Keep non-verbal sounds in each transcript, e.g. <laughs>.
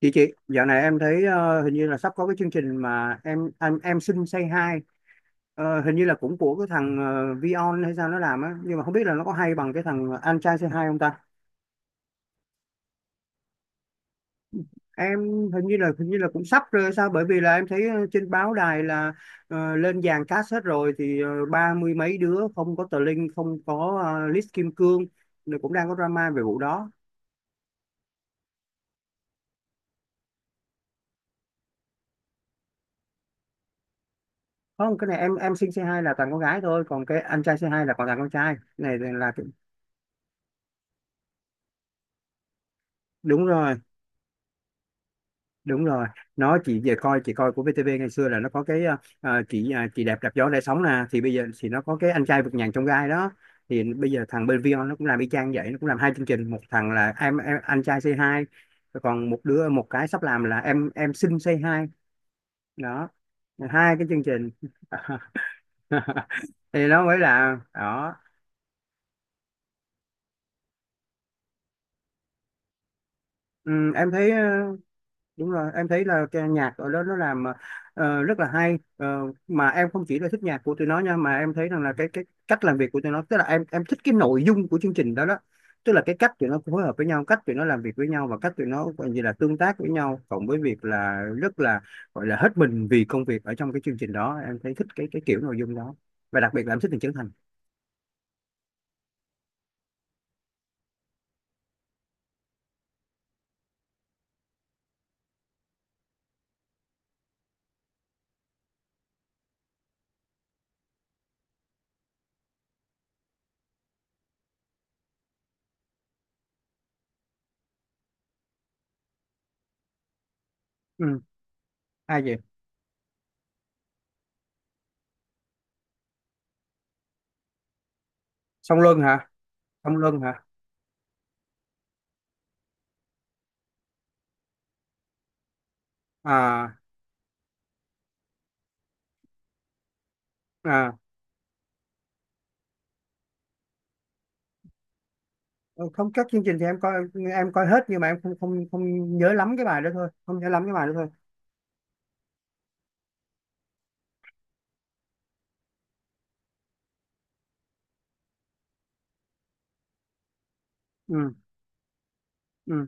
Chị, dạo này em thấy hình như là sắp có cái chương trình mà em xin say hi. Ờ, hình như là cũng của cái thằng Vion hay sao nó làm á, nhưng mà không biết là nó có hay bằng cái thằng anh trai say hi không ta. Em hình như là cũng sắp rồi hay sao, bởi vì là em thấy trên báo đài là lên dàn cast hết rồi thì ba mươi mấy đứa, không có tờ Linh, không có List Kim Cương. Rồi cũng đang có drama về vụ đó. Không, cái này em xin say hi là toàn con gái thôi, còn cái anh trai say hi là còn toàn con trai. Cái này là đúng rồi, đúng rồi. Nó chỉ về coi, chị coi của VTV ngày xưa là nó có cái chị à, chị đẹp đạp gió để sống nè, thì bây giờ thì nó có cái anh trai vượt ngàn chông gai đó. Thì bây giờ thằng bên Vion nó cũng làm y chang vậy, nó cũng làm hai chương trình, một thằng là em, anh trai Say Hi. Rồi còn một đứa, một cái sắp làm là em xin Say Hi. Đó, hai cái chương trình. <laughs> Thì nó mới là đó. Ừ, em thấy đúng rồi, em thấy là cái nhạc ở đó nó làm rất là hay. Ờ, mà em không chỉ là thích nhạc của tụi nó nha, mà em thấy rằng là cái cách làm việc của tụi nó, tức là em thích cái nội dung của chương trình đó đó. Tức là cái cách tụi nó phối hợp với nhau, cách tụi nó làm việc với nhau, và cách tụi nó gọi như là tương tác với nhau, cộng với việc là rất là gọi là hết mình vì công việc ở trong cái chương trình đó, em thấy thích cái kiểu nội dung đó. Và đặc biệt là em thích Trần Trấn Thành. Ừ. Ai vậy? Song Luân hả? Song Luân hả? À. À. Ờ, không, các chương trình thì em coi, em coi hết, nhưng mà em không không không nhớ lắm cái bài đó thôi, không nhớ lắm cái bài đó thôi. Ừ. Ừ.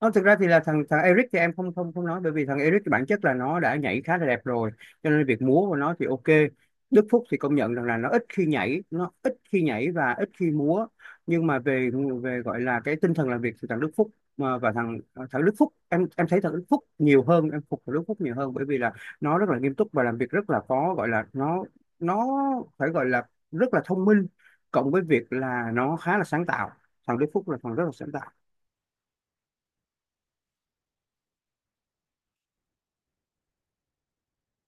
Không, thực ra thì là thằng thằng Eric thì em không không không nói, bởi vì thằng Eric thì bản chất là nó đã nhảy khá là đẹp rồi, cho nên việc múa của nó thì ok. Đức Phúc thì công nhận rằng là nó ít khi nhảy, nó ít khi nhảy và ít khi múa. Nhưng mà về về gọi là cái tinh thần làm việc thì thằng Đức Phúc, mà và thằng thằng Đức Phúc, em thấy thằng Đức Phúc nhiều hơn, em phục thằng Đức Phúc nhiều hơn, bởi vì là nó rất là nghiêm túc và làm việc rất là có gọi là nó phải gọi là rất là thông minh, cộng với việc là nó khá là sáng tạo. Thằng Đức Phúc là thằng rất là sáng tạo.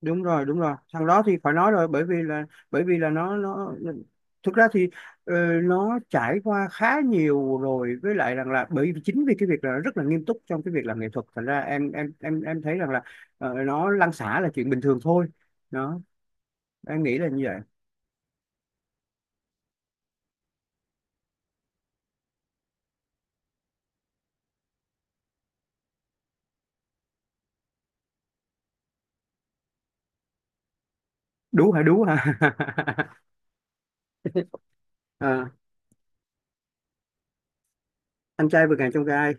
Đúng rồi, đúng rồi, thằng đó thì phải nói rồi, bởi vì là nó thực ra thì ờ, nó trải qua khá nhiều rồi, với lại rằng là bởi vì chính vì cái việc là nó rất là nghiêm túc trong cái việc làm nghệ thuật, thành ra em thấy rằng là nó lăn xả là chuyện bình thường thôi. Đó, em nghĩ là như vậy. Đú hả? Đú hả? <laughs> Ờ, anh trai vượt ngàn chông gai.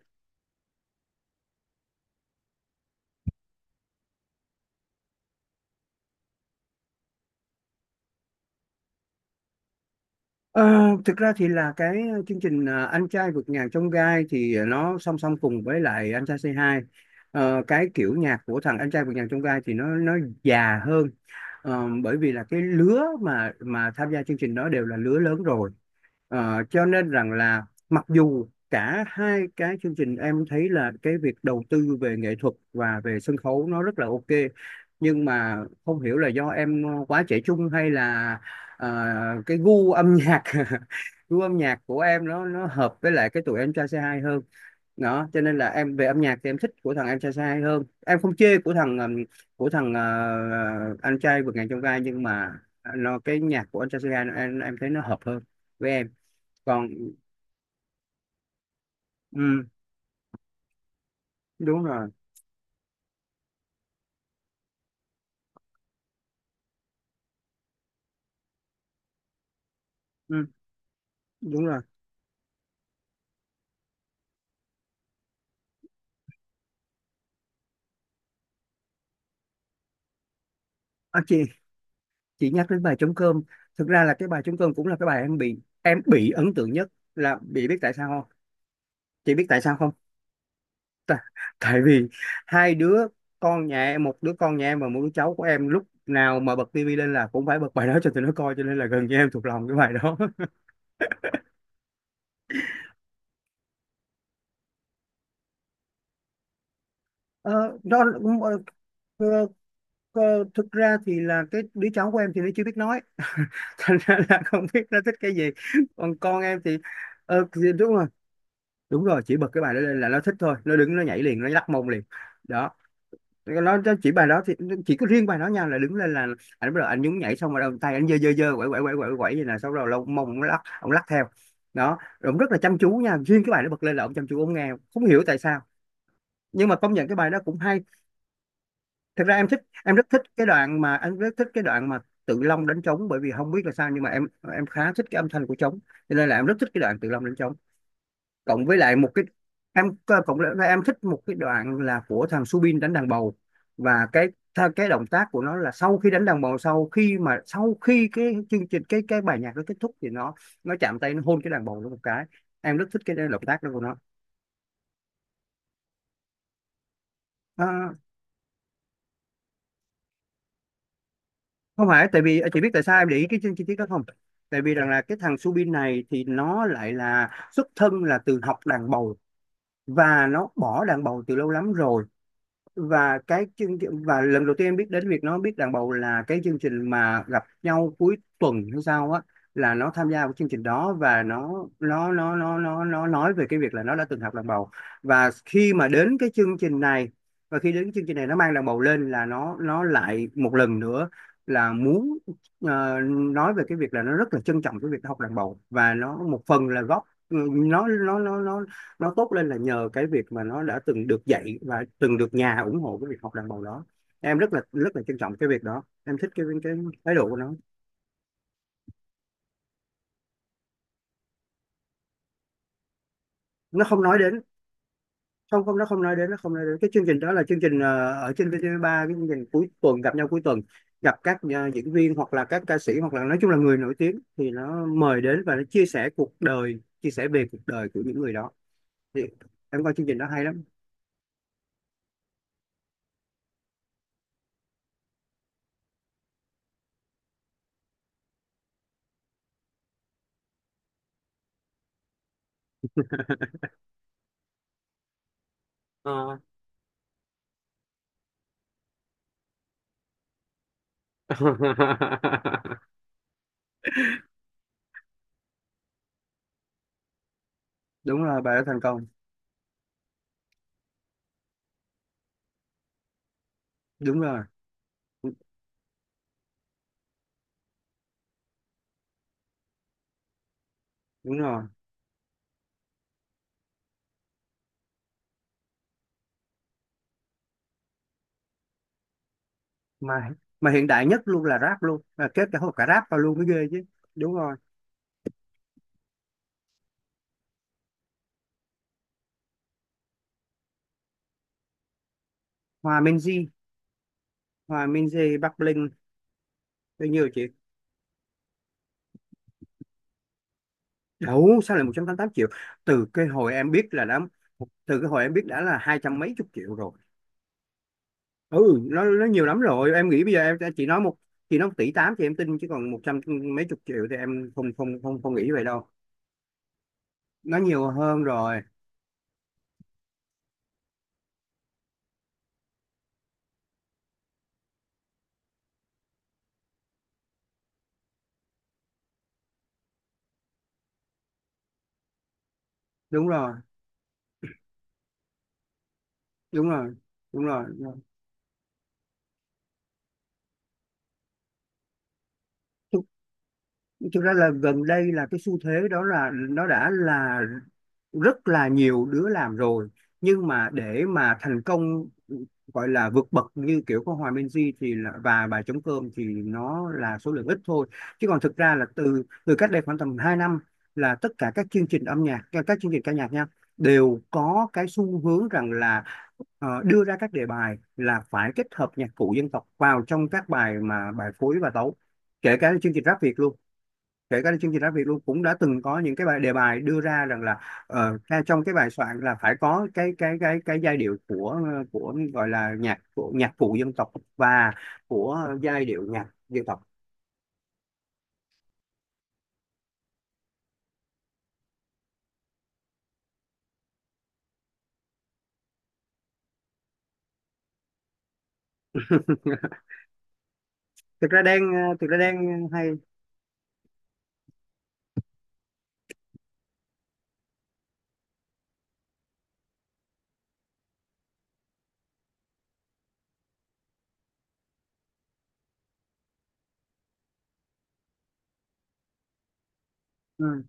Ờ, thực ra thì là cái chương trình à, Anh trai vượt ngàn chông gai thì nó song song cùng với lại Anh trai c hai Ờ, cái kiểu nhạc của thằng Anh trai vượt ngàn chông gai thì nó già hơn. Ờ, bởi vì là cái lứa mà tham gia chương trình đó đều là lứa lớn rồi. Ờ, cho nên rằng là mặc dù cả hai cái chương trình, em thấy là cái việc đầu tư về nghệ thuật và về sân khấu nó rất là ok. Nhưng mà không hiểu là do em quá trẻ trung hay là ờ, cái gu âm nhạc <laughs> gu âm nhạc của em nó hợp với lại cái tụi em trai C2 hơn. Đó, cho nên là em về âm nhạc thì em thích của thằng em trai C2 hơn, em không chê của thằng anh trai vượt ngàn chông gai, nhưng mà nó cái nhạc của anh trai C2 em thấy nó hợp hơn với em. Còn, ừ, đúng rồi. Ừ, đúng rồi. À, chị, nhắc đến bài trống cơm. Thực ra là cái bài trống cơm cũng là cái bài em bị ấn tượng nhất, là bị, biết tại sao không? Chị biết tại sao không? <laughs> Tại tại vì hai đứa con nhà em, một đứa con nhà em và một đứa cháu của em, lúc nào mà bật tivi lên là cũng phải bật bài đó cho tụi nó coi, cho nên là gần như em thuộc lòng cái bài đó. <laughs> Ờ, đó. Ờ. Ờ, ờ, thực ra thì là cái đứa cháu của em thì nó chưa biết nói. <laughs> Thành ra là không biết nó thích cái gì. Còn con em thì thì đúng rồi. Đúng rồi, chỉ bật cái bài đó lên là nó thích thôi, nó đứng nó nhảy liền, nó lắc mông liền. Đó, nó chỉ bài đó thì chỉ có riêng bài đó nha, là đứng lên là anh bắt đầu anh nhún nhảy, xong rồi đầu, tay anh giơ giơ giơ, quẩy quẩy quẩy quẩy quẩy vậy nè, xong rồi lông mông nó lắc, ông lắc theo. Đó rồi, ông rất là chăm chú nha, riêng cái bài nó bật lên là ông chăm chú, ông nghe không hiểu tại sao, nhưng mà công nhận cái bài đó cũng hay. Thực ra em thích, em rất thích cái đoạn mà em rất thích cái đoạn mà Tự Long đánh trống, bởi vì không biết là sao nhưng mà em khá thích cái âm thanh của trống, cho nên là em rất thích cái đoạn Tự Long đánh trống. Cộng với lại một cái em, cộng lại em thích một cái đoạn là của thằng Subin đánh đàn bầu. Và cái cái động tác của nó là, sau khi đánh đàn bầu, sau khi mà, sau khi cái chương trình, cái bài nhạc nó kết thúc thì nó chạm tay, nó hôn cái đàn bầu nó một cái. Em rất thích cái động tác đó của nó. À, không phải tại vì à, chị biết tại sao em để ý cái chi chi tiết đó không? Tại vì rằng là cái thằng Subin này thì nó lại là xuất thân là từ học đàn bầu, và nó bỏ đàn bầu từ lâu lắm rồi. Và cái chương trình, và lần đầu tiên em biết đến việc nó biết đàn bầu là cái chương trình mà gặp nhau cuối tuần hay sao á, là nó tham gia vào chương trình đó và nó nói về cái việc là nó đã từng học đàn bầu. Và khi mà đến cái chương trình này, và khi đến chương trình này nó mang đàn bầu lên là nó lại một lần nữa là muốn ờ, nói về cái việc là nó rất là trân trọng cái việc học đàn bầu, và nó một phần là góp, ừ, nó tốt lên là nhờ cái việc mà nó đã từng được dạy và từng được nhà ủng hộ cái việc học đàn bầu đó. Em rất là trân trọng cái việc đó, em thích cái thái độ của nó. Nó không nói đến, không, không nó không nói đến, nó không nói đến cái chương trình đó là chương trình ở trên VTV3, cái chương trình cuối tuần, gặp nhau cuối tuần, gặp các diễn viên hoặc là các ca sĩ hoặc là nói chung là người nổi tiếng, thì nó mời đến và nó chia sẻ cuộc đời, chia sẻ về cuộc đời của những người đó. Thì em coi chương trình đó hay lắm. Ờ. <laughs> Đúng rồi, bà đã thành công. Đúng rồi, đúng rồi. Mà mà hiện đại nhất luôn là rap, luôn là kết cả hộp cả rap vào luôn mới ghê chứ. Đúng rồi. Hòa Minzy, Hòa Minzy Bắc Linh. Bao nhiêu chị? Đủ sao lại 188 triệu? Từ cái hồi em biết là đã, từ cái hồi em biết đã là hai trăm mấy chục triệu rồi. Ừ, nó nhiều lắm rồi, em nghĩ bây giờ em, chị nói một, chị nói 1,8 tỷ thì em tin, chứ còn một trăm mấy chục triệu thì em không không không không nghĩ vậy đâu. Nó nhiều hơn rồi. Đúng rồi. Đúng rồi. Đúng rồi. Thực, thực ra là gần đây là cái xu thế đó là nó đã là rất là nhiều đứa làm rồi. Nhưng mà để mà thành công gọi là vượt bậc như kiểu của Hòa Minzy thì là, và bà trống cơm thì nó là số lượng ít thôi, chứ còn thực ra là từ từ cách đây khoảng tầm 2 năm là tất cả các chương trình âm nhạc, các chương trình ca nhạc nha, đều có cái xu hướng rằng là đưa ra các đề bài là phải kết hợp nhạc cụ dân tộc vào trong các bài mà bài phối và tấu. Kể cả chương trình rap Việt luôn, kể cả chương trình Rap Việt luôn cũng đã từng có những cái bài đề bài đưa ra rằng là ra trong cái bài soạn là phải có cái giai điệu của gọi là nhạc, của nhạc cụ dân tộc và của giai điệu nhạc dân tộc. <laughs> thực ra đang thực ra đang hay. Ừ.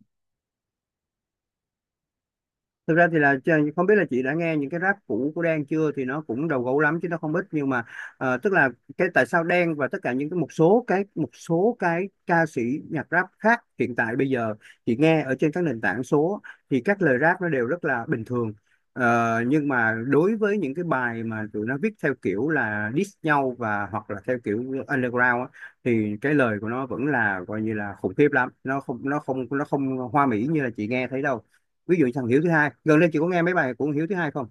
Thực ra thì là không biết là chị đã nghe những cái rap cũ của Đen chưa, thì nó cũng đầu gấu lắm chứ nó không ít, nhưng mà tức là cái tại sao Đen và tất cả những cái một số cái ca sĩ nhạc rap khác hiện tại bây giờ, chị nghe ở trên các nền tảng số, thì các lời rap nó đều rất là bình thường. Ờ, nhưng mà đối với những cái bài mà tụi nó viết theo kiểu là diss nhau và hoặc là theo kiểu underground á, thì cái lời của nó vẫn là coi như là khủng khiếp lắm, nó không hoa mỹ như là chị nghe thấy đâu. Ví dụ như thằng Hiếu thứ hai gần đây, chị có nghe mấy bài của thằng Hiếu thứ hai không?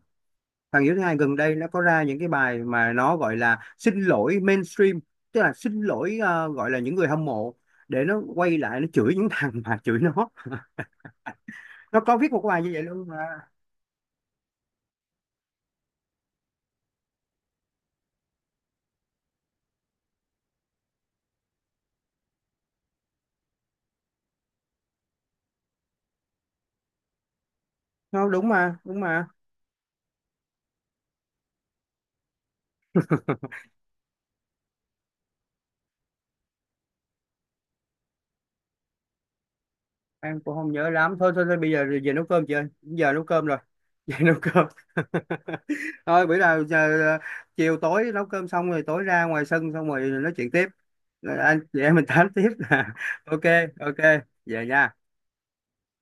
Thằng Hiếu thứ hai gần đây nó có ra những cái bài mà nó gọi là xin lỗi mainstream, tức là xin lỗi gọi là những người hâm mộ, để nó quay lại nó chửi những <laughs> thằng mà chửi nó. Nó có viết một cái bài như vậy luôn mà. Nó đúng mà, đúng mà. Em cũng không nhớ lắm. Thôi thôi, thôi bây giờ về nấu cơm chị ơi, giờ nấu cơm rồi. <laughs> Về nấu cơm. <laughs> Thôi bữa nào giờ, ờ, chiều tối nấu cơm xong rồi tối ra ngoài sân xong rồi nói chuyện tiếp. Rồi anh chị em mình tám tiếp. <laughs> Ok, ok. Về nha.